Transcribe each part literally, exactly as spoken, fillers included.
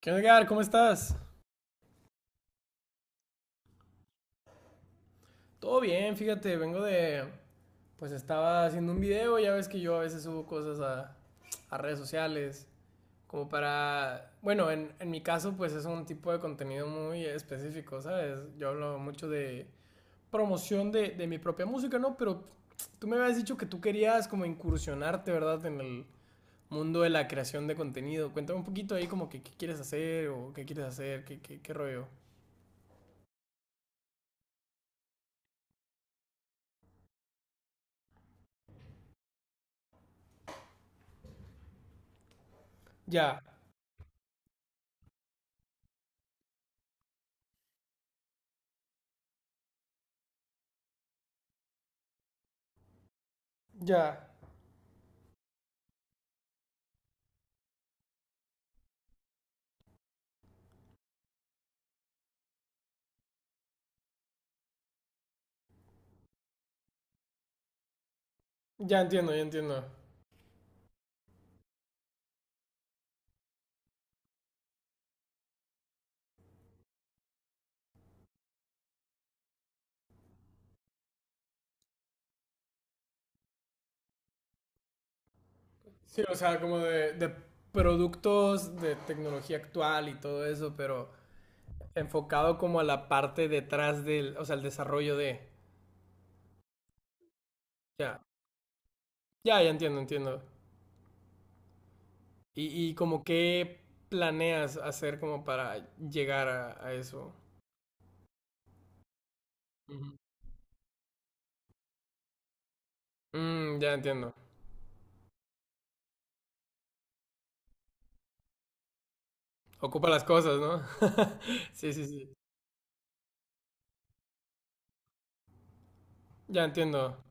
¿Qué onda, Edgar? ¿Cómo estás? Todo bien, fíjate, vengo de... Pues estaba haciendo un video, ya ves que yo a veces subo cosas a, a redes sociales, como para... Bueno, en, en mi caso pues es un tipo de contenido muy específico, ¿sabes? Yo hablo mucho de promoción de, de mi propia música, ¿no? Pero tú me habías dicho que tú querías como incursionarte, ¿verdad? En el mundo de la creación de contenido. Cuéntame un poquito ahí como que qué quieres hacer o qué quieres hacer, qué, qué, qué rollo. Ya, ya. Ya entiendo, ya entiendo. Sí, o sea, como de, de productos de tecnología actual y todo eso, pero enfocado como a la parte detrás del, o sea, el desarrollo de. Ya, ya, ya entiendo, entiendo. Y, y como qué planeas hacer como para llegar a, a eso. Ujú. Mm, ya entiendo. Ocupa las cosas, ¿no? Sí, sí, sí. Ya entiendo.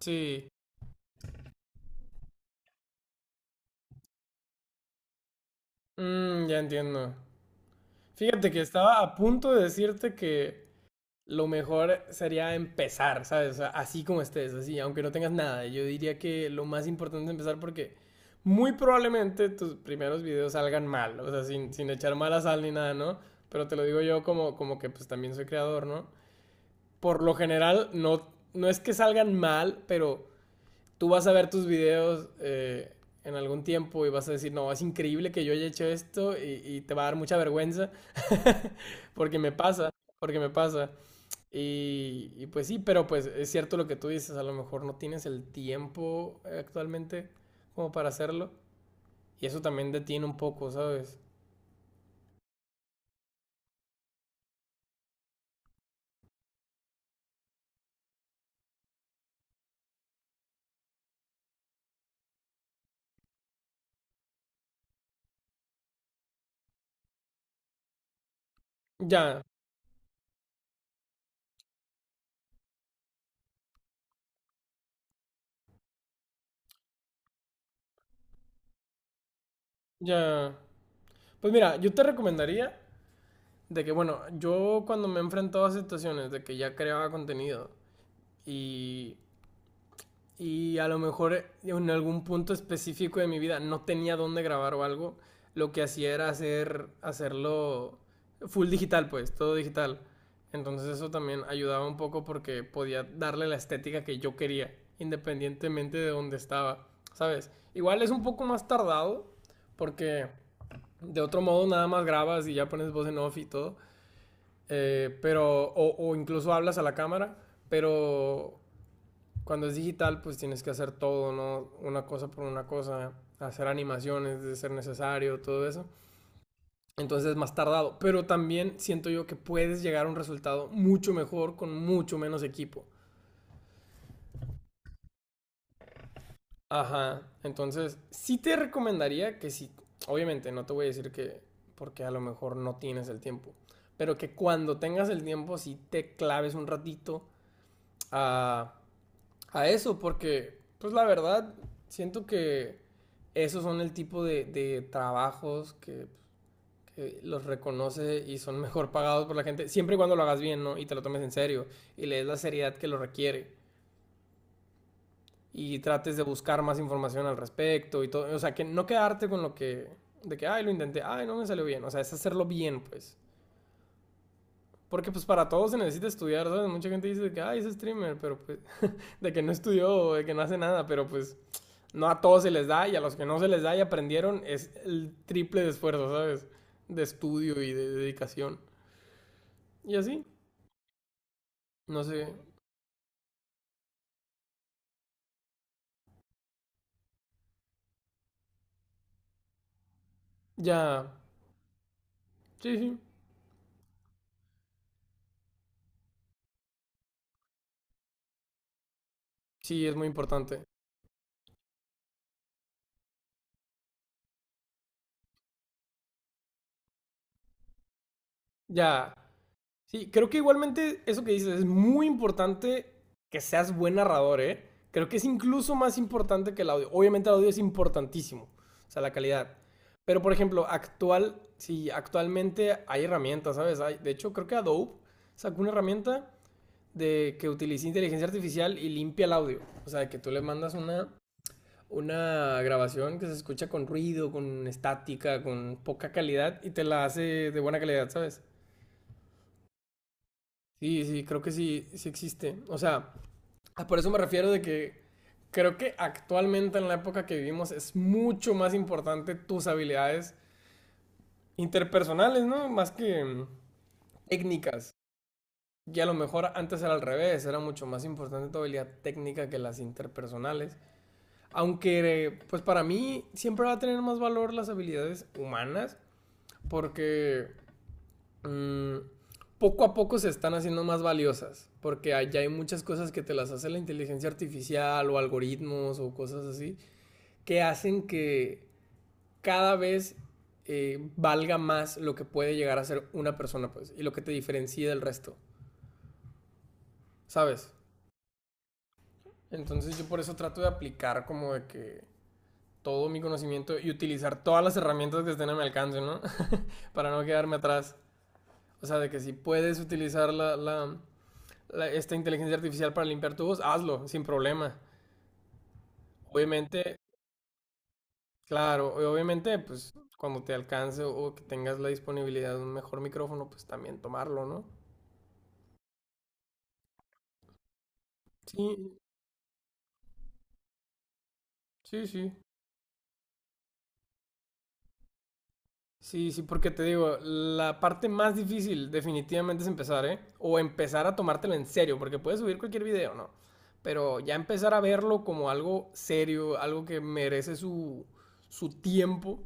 Sí. Mm, ya entiendo. Fíjate que estaba a punto de decirte que... lo mejor sería empezar, ¿sabes? O sea, así como estés, así, aunque no tengas nada. Yo diría que lo más importante es empezar porque muy probablemente tus primeros videos salgan mal, o sea, sin, sin echar mala sal ni nada, ¿no? Pero te lo digo yo como, como que pues también soy creador, ¿no? Por lo general, no, no es que salgan mal, pero tú vas a ver tus videos eh, en algún tiempo y vas a decir, no, es increíble que yo haya hecho esto y, y te va a dar mucha vergüenza, porque me pasa, porque me pasa. Y, y pues sí, pero pues es cierto lo que tú dices, a lo mejor no tienes el tiempo eh, actualmente como para hacerlo. Y eso también detiene un poco, ¿sabes? Ya, ya. Pues mira, yo te recomendaría de que, bueno, yo cuando me he enfrentado a situaciones de que ya creaba contenido y y a lo mejor en algún punto específico de mi vida no tenía dónde grabar o algo, lo que hacía era hacer, hacerlo full digital, pues, todo digital. Entonces eso también ayudaba un poco porque podía darle la estética que yo quería, independientemente de dónde estaba, ¿sabes? Igual es un poco más tardado porque de otro modo nada más grabas y ya pones voz en off y todo, eh, pero, o, o incluso hablas a la cámara, pero cuando es digital, pues tienes que hacer todo, ¿no? Una cosa por una cosa, hacer animaciones de ser necesario, todo eso. Entonces es más tardado, pero también siento yo que puedes llegar a un resultado mucho mejor con mucho menos equipo. Ajá, entonces sí te recomendaría que sí. Obviamente no te voy a decir que porque a lo mejor no tienes el tiempo, pero que cuando tengas el tiempo sí te claves un ratito a a eso, porque, pues la verdad, siento que esos son el tipo de, de trabajos que, que los reconoce y son mejor pagados por la gente, siempre y cuando lo hagas bien, ¿no? Y te lo tomes en serio y le des la seriedad que lo requiere y trates de buscar más información al respecto y todo, o sea, que no quedarte con lo que, de que, ay, lo intenté, ay, no me salió bien, o sea, es hacerlo bien, pues. Porque pues para todo se necesita estudiar, ¿sabes? Mucha gente dice de que, ay, es streamer, pero pues, de que no estudió, de que no hace nada, pero pues no a todos se les da y a los que no se les da y aprendieron es el triple de esfuerzo, ¿sabes? De estudio y de dedicación. Y así, no sé, ya, sí, sí, sí, es muy importante. Ya, sí, creo que igualmente eso que dices es muy importante que seas buen narrador, ¿eh? Creo que es incluso más importante que el audio. Obviamente el audio es importantísimo, o sea, la calidad. Pero por ejemplo, actual, sí, actualmente hay herramientas, ¿sabes? Hay, de hecho, creo que Adobe sacó una herramienta de que utilice inteligencia artificial y limpia el audio. O sea, que tú le mandas una, una grabación que se escucha con ruido, con estática, con poca calidad y te la hace de buena calidad, ¿sabes? Sí, sí, creo que sí, sí existe. O sea, por eso me refiero de que creo que actualmente en la época que vivimos es mucho más importante tus habilidades interpersonales, ¿no? Más que mm, técnicas. Y a lo mejor antes era al revés, era mucho más importante tu habilidad técnica que las interpersonales. Aunque, pues para mí siempre va a tener más valor las habilidades humanas porque mm, poco a poco se están haciendo más valiosas. Porque allá hay muchas cosas que te las hace la inteligencia artificial o algoritmos o cosas así que hacen que cada vez eh, valga más lo que puede llegar a ser una persona, pues, y lo que te diferencia del resto, ¿sabes? Entonces yo por eso trato de aplicar como de que todo mi conocimiento y utilizar todas las herramientas que estén a mi alcance, ¿no? Para no quedarme atrás. O sea, de que si puedes utilizar la, la, la- esta inteligencia artificial para limpiar tu voz, hazlo, sin problema. Obviamente, claro, obviamente, pues cuando te alcance o que tengas la disponibilidad de un mejor micrófono, pues también tomarlo, ¿no? Sí, sí, sí. Sí, sí, porque te digo, la parte más difícil definitivamente es empezar, ¿eh? O empezar a tomártelo en serio, porque puedes subir cualquier video, ¿no? Pero ya empezar a verlo como algo serio, algo que merece su, su tiempo,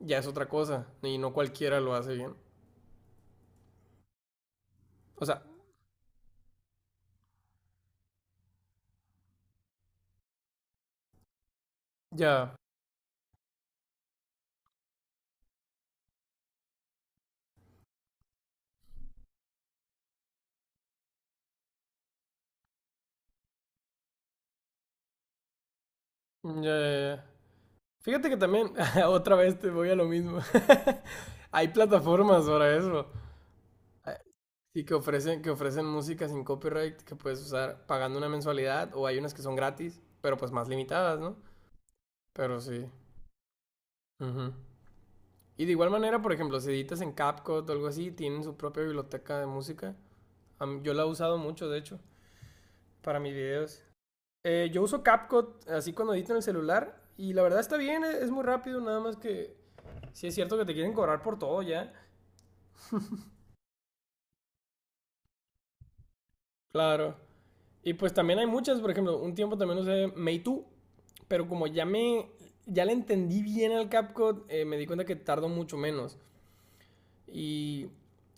ya es otra cosa. Y no cualquiera lo hace bien. O sea, ya, ya, ya, ya. Fíjate que también, otra vez te voy a lo mismo. Hay plataformas para eso. Sí, que ofrecen, que ofrecen música sin copyright que puedes usar pagando una mensualidad o hay unas que son gratis, pero pues más limitadas, ¿no? Pero sí. Ujú. Y de igual manera, por ejemplo, si editas en CapCut o algo así, tienen su propia biblioteca de música. A mí- Yo la he usado mucho, de hecho, para mis videos. Eh, yo uso CapCut así cuando edito en el celular y la verdad está bien, e- es muy rápido, nada más que sí es cierto que te quieren cobrar por todo ya. Claro. Y pues también hay muchas, por ejemplo, un tiempo también usé Meitu, pero como ya me, ya le entendí bien al CapCut, eh, me di cuenta que tardo mucho menos. Y,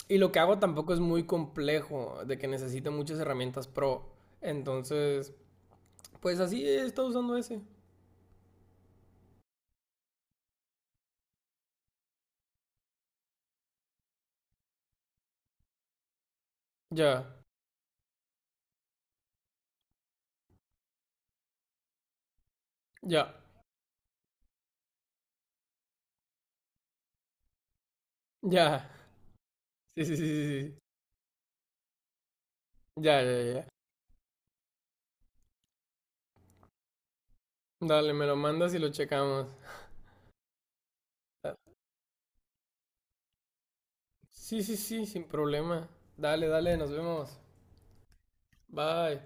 y lo que hago tampoco es muy complejo, de que necesite muchas herramientas pro. Entonces, pues así he estado usando ese. Ya, ya, ya. Sí, sí, sí, sí. Sí. Ya, ya, ya. Dale, me lo mandas y lo checamos. Sí, sí, sí, sin problema. Dale, dale, nos vemos. Bye.